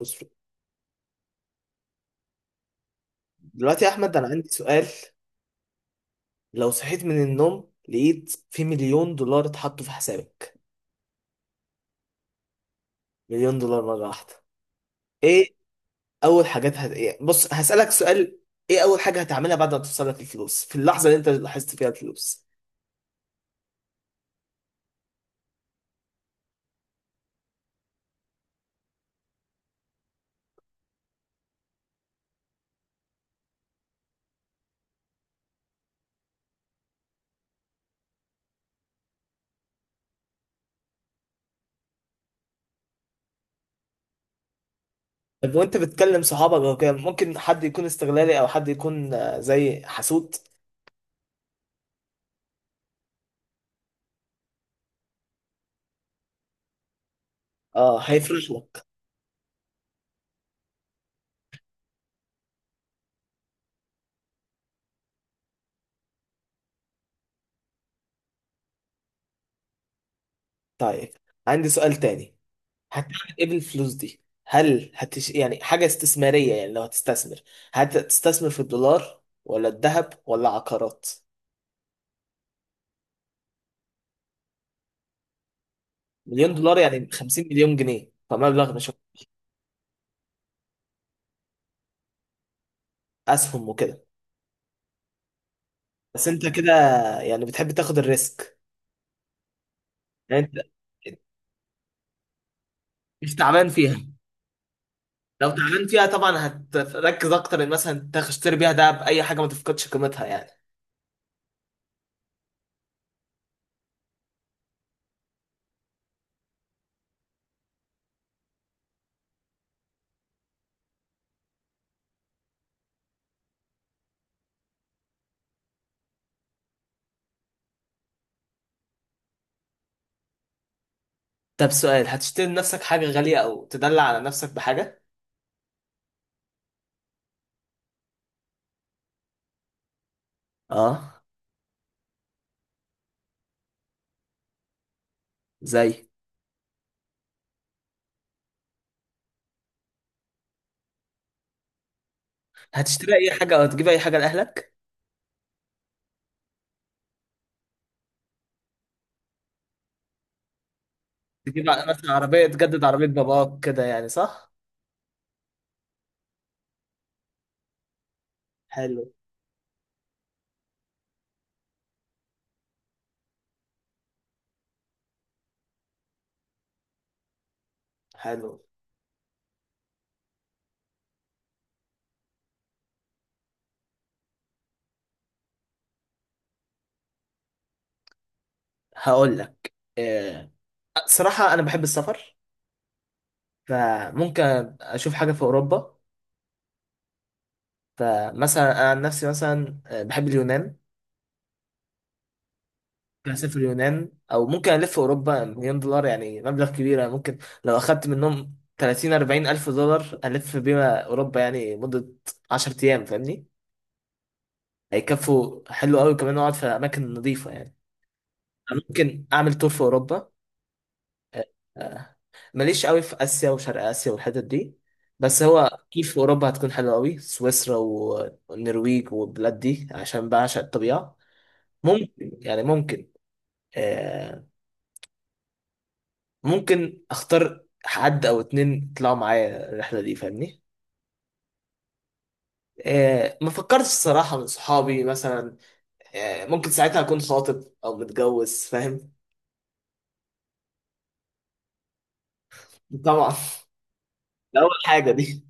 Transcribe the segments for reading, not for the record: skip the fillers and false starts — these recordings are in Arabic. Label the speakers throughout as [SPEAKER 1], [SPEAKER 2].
[SPEAKER 1] بص، دلوقتي يا احمد، انا عندي سؤال. لو صحيت من النوم لقيت في مليون دولار اتحطوا في حسابك. مليون دولار مره واحده. ايه اول حاجات إيه؟ بص، هسألك سؤال. ايه اول حاجه هتعملها بعد ما توصل لك الفلوس في اللحظه اللي انت لاحظت فيها الفلوس؟ طب وانت بتكلم صحابك او كده، ممكن حد يكون استغلالي او حد يكون زي حسود. اه، هيفرش لك. طيب، عندي سؤال تاني. هتعمل ايه بالفلوس دي؟ هل يعني حاجة استثمارية؟ يعني لو هتستثمر، هتستثمر في الدولار ولا الذهب ولا عقارات؟ مليون دولار يعني 50 مليون جنيه، فمبلغ مش... اسهم وكده؟ بس انت كده، يعني بتحب تاخد الريسك. يعني انت مش تعبان فيها. لو تعبان فيها طبعا هتركز اكتر ان مثلا تشتري بيها دهب، اي حاجة ما تفقدش قيمتها يعني. طب سؤال، هتشتري لنفسك حاجة غالية او تدلع على نفسك بحاجة؟ اه. زي؟ هتشتري اي حاجة او هتجيب اي حاجة لأهلك؟ تجيب مثلا عربية، تجدد عربية باباك كده يعني، صح؟ حلو. حلو. هقول لك. آه، صراحة أنا بحب السفر، فممكن أشوف حاجة في أوروبا. فمثلا أنا عن نفسي مثلا بحب اليونان. ممكن أسافر اليونان أو ممكن ألف في أوروبا. مليون دولار يعني مبلغ كبير، يعني ممكن لو أخدت منهم 30 40 ألف دولار ألف بيها أوروبا يعني مدة 10 أيام، فاهمني؟ هيكفوا. حلو قوي. كمان أقعد في أماكن نظيفة يعني. ممكن أعمل تور في أوروبا. آه، آه، ماليش قوي في اسيا وشرق اسيا والحتت دي. بس هو كيف في اوروبا هتكون حلوه قوي، سويسرا والنرويج والبلاد دي، عشان بعشق الطبيعه. ممكن، يعني ممكن آه ممكن اختار حد او اتنين يطلعوا معايا الرحله دي، فاهمني. ما فكرتش الصراحه، من صحابي مثلا. ممكن ساعتها اكون خاطب او متجوز، فاهم. طبعا. ده اول حاجه دي.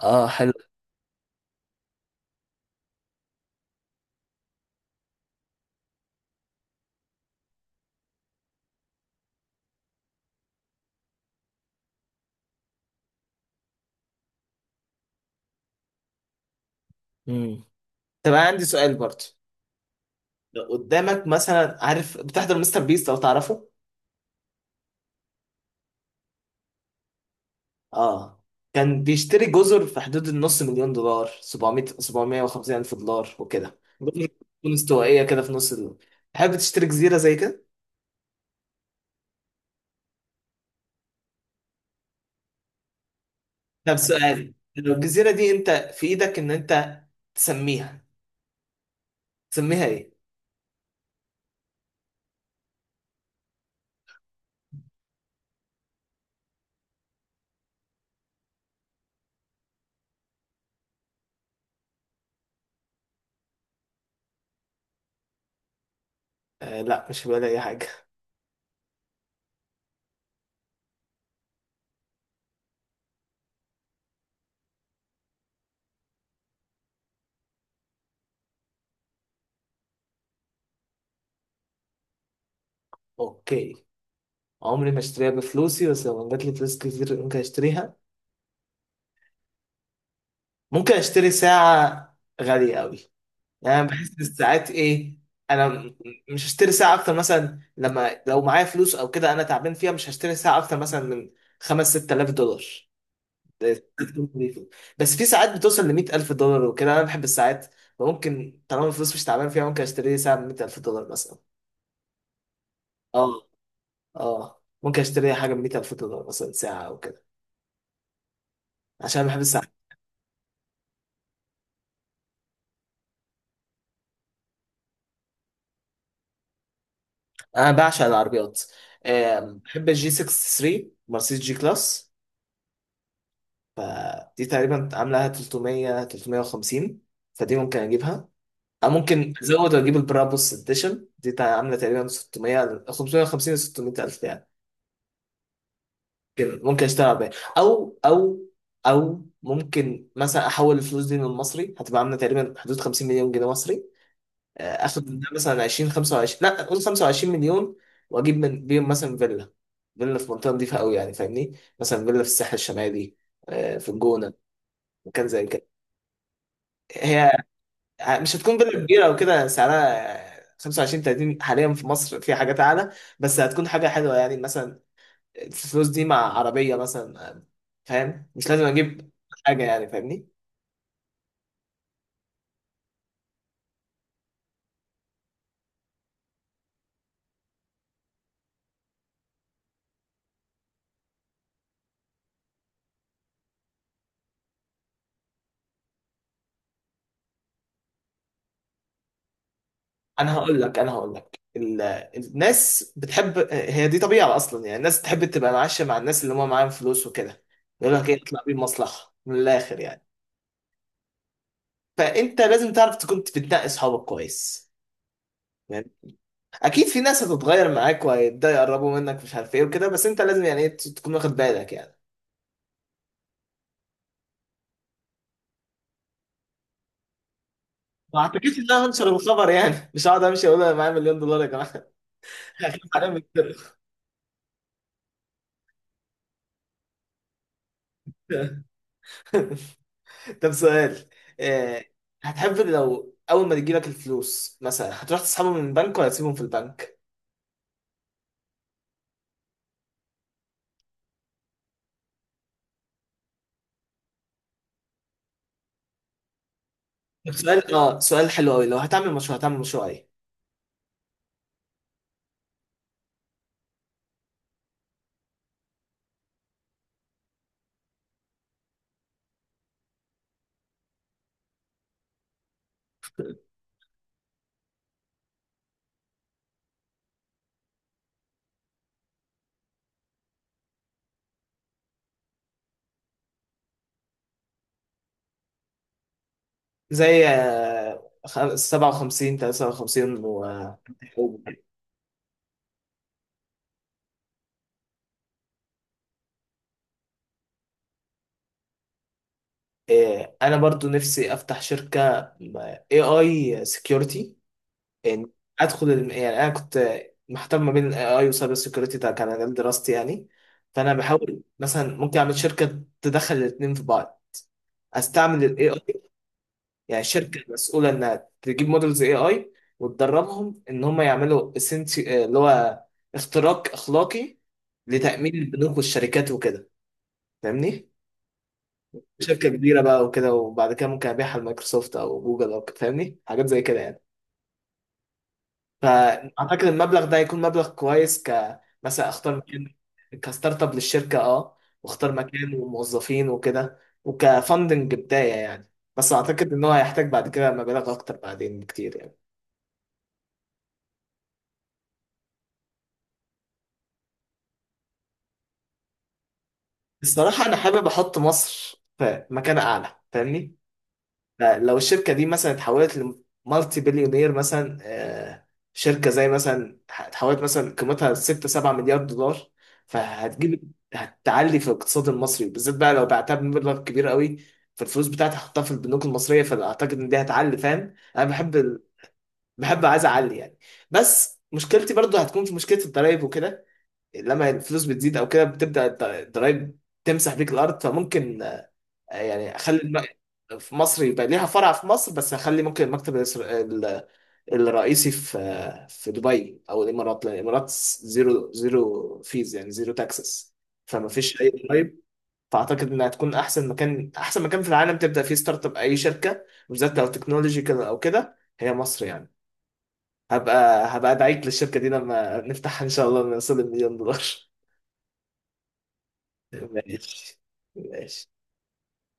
[SPEAKER 1] اه، حلو. امم طب أنا عندي سؤال برضه. لو قدامك مثلا، عارف بتحضر مستر بيست لو تعرفه؟ اه. كان بيشتري جزر في حدود النص مليون دولار، 700 750 الف دولار وكده، جزر تكون استوائيه كده في نص تحب تشتري جزيره زي كده؟ طب سؤال، لو الجزيره دي انت في ايدك ان انت تسميها تسميها ايه؟ آه لا، مش هبقى اي حاجه. اوكي. عمري ما اشتريها بفلوسي، بس لو جات لي فلوس كتير ممكن اشتريها. ممكن اشتري ساعه غاليه قوي. يعني بحس إن الساعات ايه... انا م- مش هشتري ساعه اكتر، مثلا لما لو معايا فلوس او كده انا تعبان فيها، مش هشتري ساعه اكتر مثلا من 5 6,000 دولار. ده- بس في ساعات بتوصل ل 100,000 دولار وكده. انا بحب الساعات، فممكن طالما الفلوس مش تعبان فيها ممكن اشتري ساعه ب 100,000 دولار مثلا. اه. اه، ممكن اشتري حاجه ب 100,000 دولار مثلا، ساعه او كده، عشان بحب الساعات. انا بعشق العربيات. بحب الجي 63، مرسيدس جي كلاس. فدي تقريبا عاملة 300 350، فدي ممكن اجيبها. أو ممكن ازود واجيب البرابوس اديشن دي، عاملة تقريبا 600 550 ل 600 الف يعني. ممكن اشتغل بيها. او او او ممكن مثلا احول الفلوس دي من المصري هتبقى عاملة تقريبا حدود 50 مليون جنيه مصري. اخد منها مثلا 20 25، لا قول 25 مليون، واجيب من بيهم مثلا فيلا. فيلا في منطقة نضيفة قوي يعني، فاهمني. مثلا فيلا في الساحل الشمالي، في الجونة، مكان زي كده. هي. مش هتكون فيلا كبيرة أو كده، سعرها 25 30، حاليا في مصر في حاجات أعلى. بس هتكون حاجة حلوة يعني، مثلا الفلوس دي مع عربية مثلا، فاهم، مش لازم أجيب حاجة يعني، فاهمني. أنا هقول لك الناس بتحب، هي دي طبيعة أصلا يعني. الناس تحب تبقى معاشة مع الناس اللي هم معاهم فلوس وكده، يقول لك إيه، اطلع بيه مصلحة، من الآخر يعني. فأنت لازم تعرف تكون بتنقي أصحابك كويس. اكيد في ناس هتتغير معاك، وهيبداوا يقربوا منك مش عارف ايه وكده، بس انت لازم يعني ايه تكون واخد بالك يعني. ما اعتقدش ان انا هنشر الخبر يعني مش هقعد امشي اقول انا معايا مليون دولار يا جماعه هخاف عليهم يتسرقوا. طب سؤال، آه، هتحب لو اول ما تجيلك الفلوس مثلا هتروح تسحبهم من البنك ولا تسيبهم في البنك؟ طب سؤال حلو قوي. لو هتعمل مشروع هتعمل مشروع ايه؟ زي 57 53. و انا برضو نفسي افتح شركه اي اي سكيورتي يعني. ادخل يعني انا كنت محتار ما بين الاي اي وسايبر سكيورتي، ده كان مجال دراستي يعني. فانا بحاول مثلا ممكن اعمل شركه تدخل الاثنين في بعض، استعمل الاي اي. يعني شركه مسؤوله انها تجيب مودلز اي اي وتدربهم ان هم يعملوا اللي هو اختراق اخلاقي لتامين البنوك والشركات وكده، فاهمني. شركة كبيرة بقى وكده، وبعد كده ممكن أبيعها لمايكروسوفت أو جوجل أو كده، فاهمني، حاجات زي كده يعني. فأعتقد المبلغ ده هيكون مبلغ كويس، ك مثلا أختار مكان، كستارت أب للشركة، أه، وأختار مكان وموظفين وكده وكفندنج بداية يعني. بس أعتقد إن هو هيحتاج بعد كده مبالغ أكتر بعدين بكتير يعني. الصراحة أنا حابب أحط مصر في مكان أعلى، فاهمني. لو الشركة دي مثلا اتحولت لمالتي بليونير، مثلا شركة زي مثلا اتحولت مثلا قيمتها 6 7 مليار دولار، هتعلي في الاقتصاد المصري بالذات، بقى لو بعتها بمبلغ كبير قوي، فالفلوس بتاعتي هحطها في البنوك المصرية، فأعتقد إن دي هتعلي، فاهم؟ أنا بحب بحب، عايز أعلي يعني. بس مشكلتي برضو هتكون في مشكلة الضرايب وكده. لما الفلوس بتزيد أو كده بتبدأ الضرايب تمسح بيك الأرض. فممكن يعني اخلي في مصر يبقى ليها فرع في مصر، بس هخلي ممكن المكتب الرئيسي في دبي او الامارات، لان الامارات زيرو زيرو فيز يعني زيرو تاكسس، فما فيش اي ضرايب. فاعتقد انها تكون احسن مكان، احسن مكان في العالم تبدا فيه ستارت اب اي شركه، بالذات لو تكنولوجيكال او كده، هي مصر يعني. هبقى ادعيك للشركه دي لما نفتحها ان شاء الله، لما نوصل المليون دولار. ماشي. ماشي.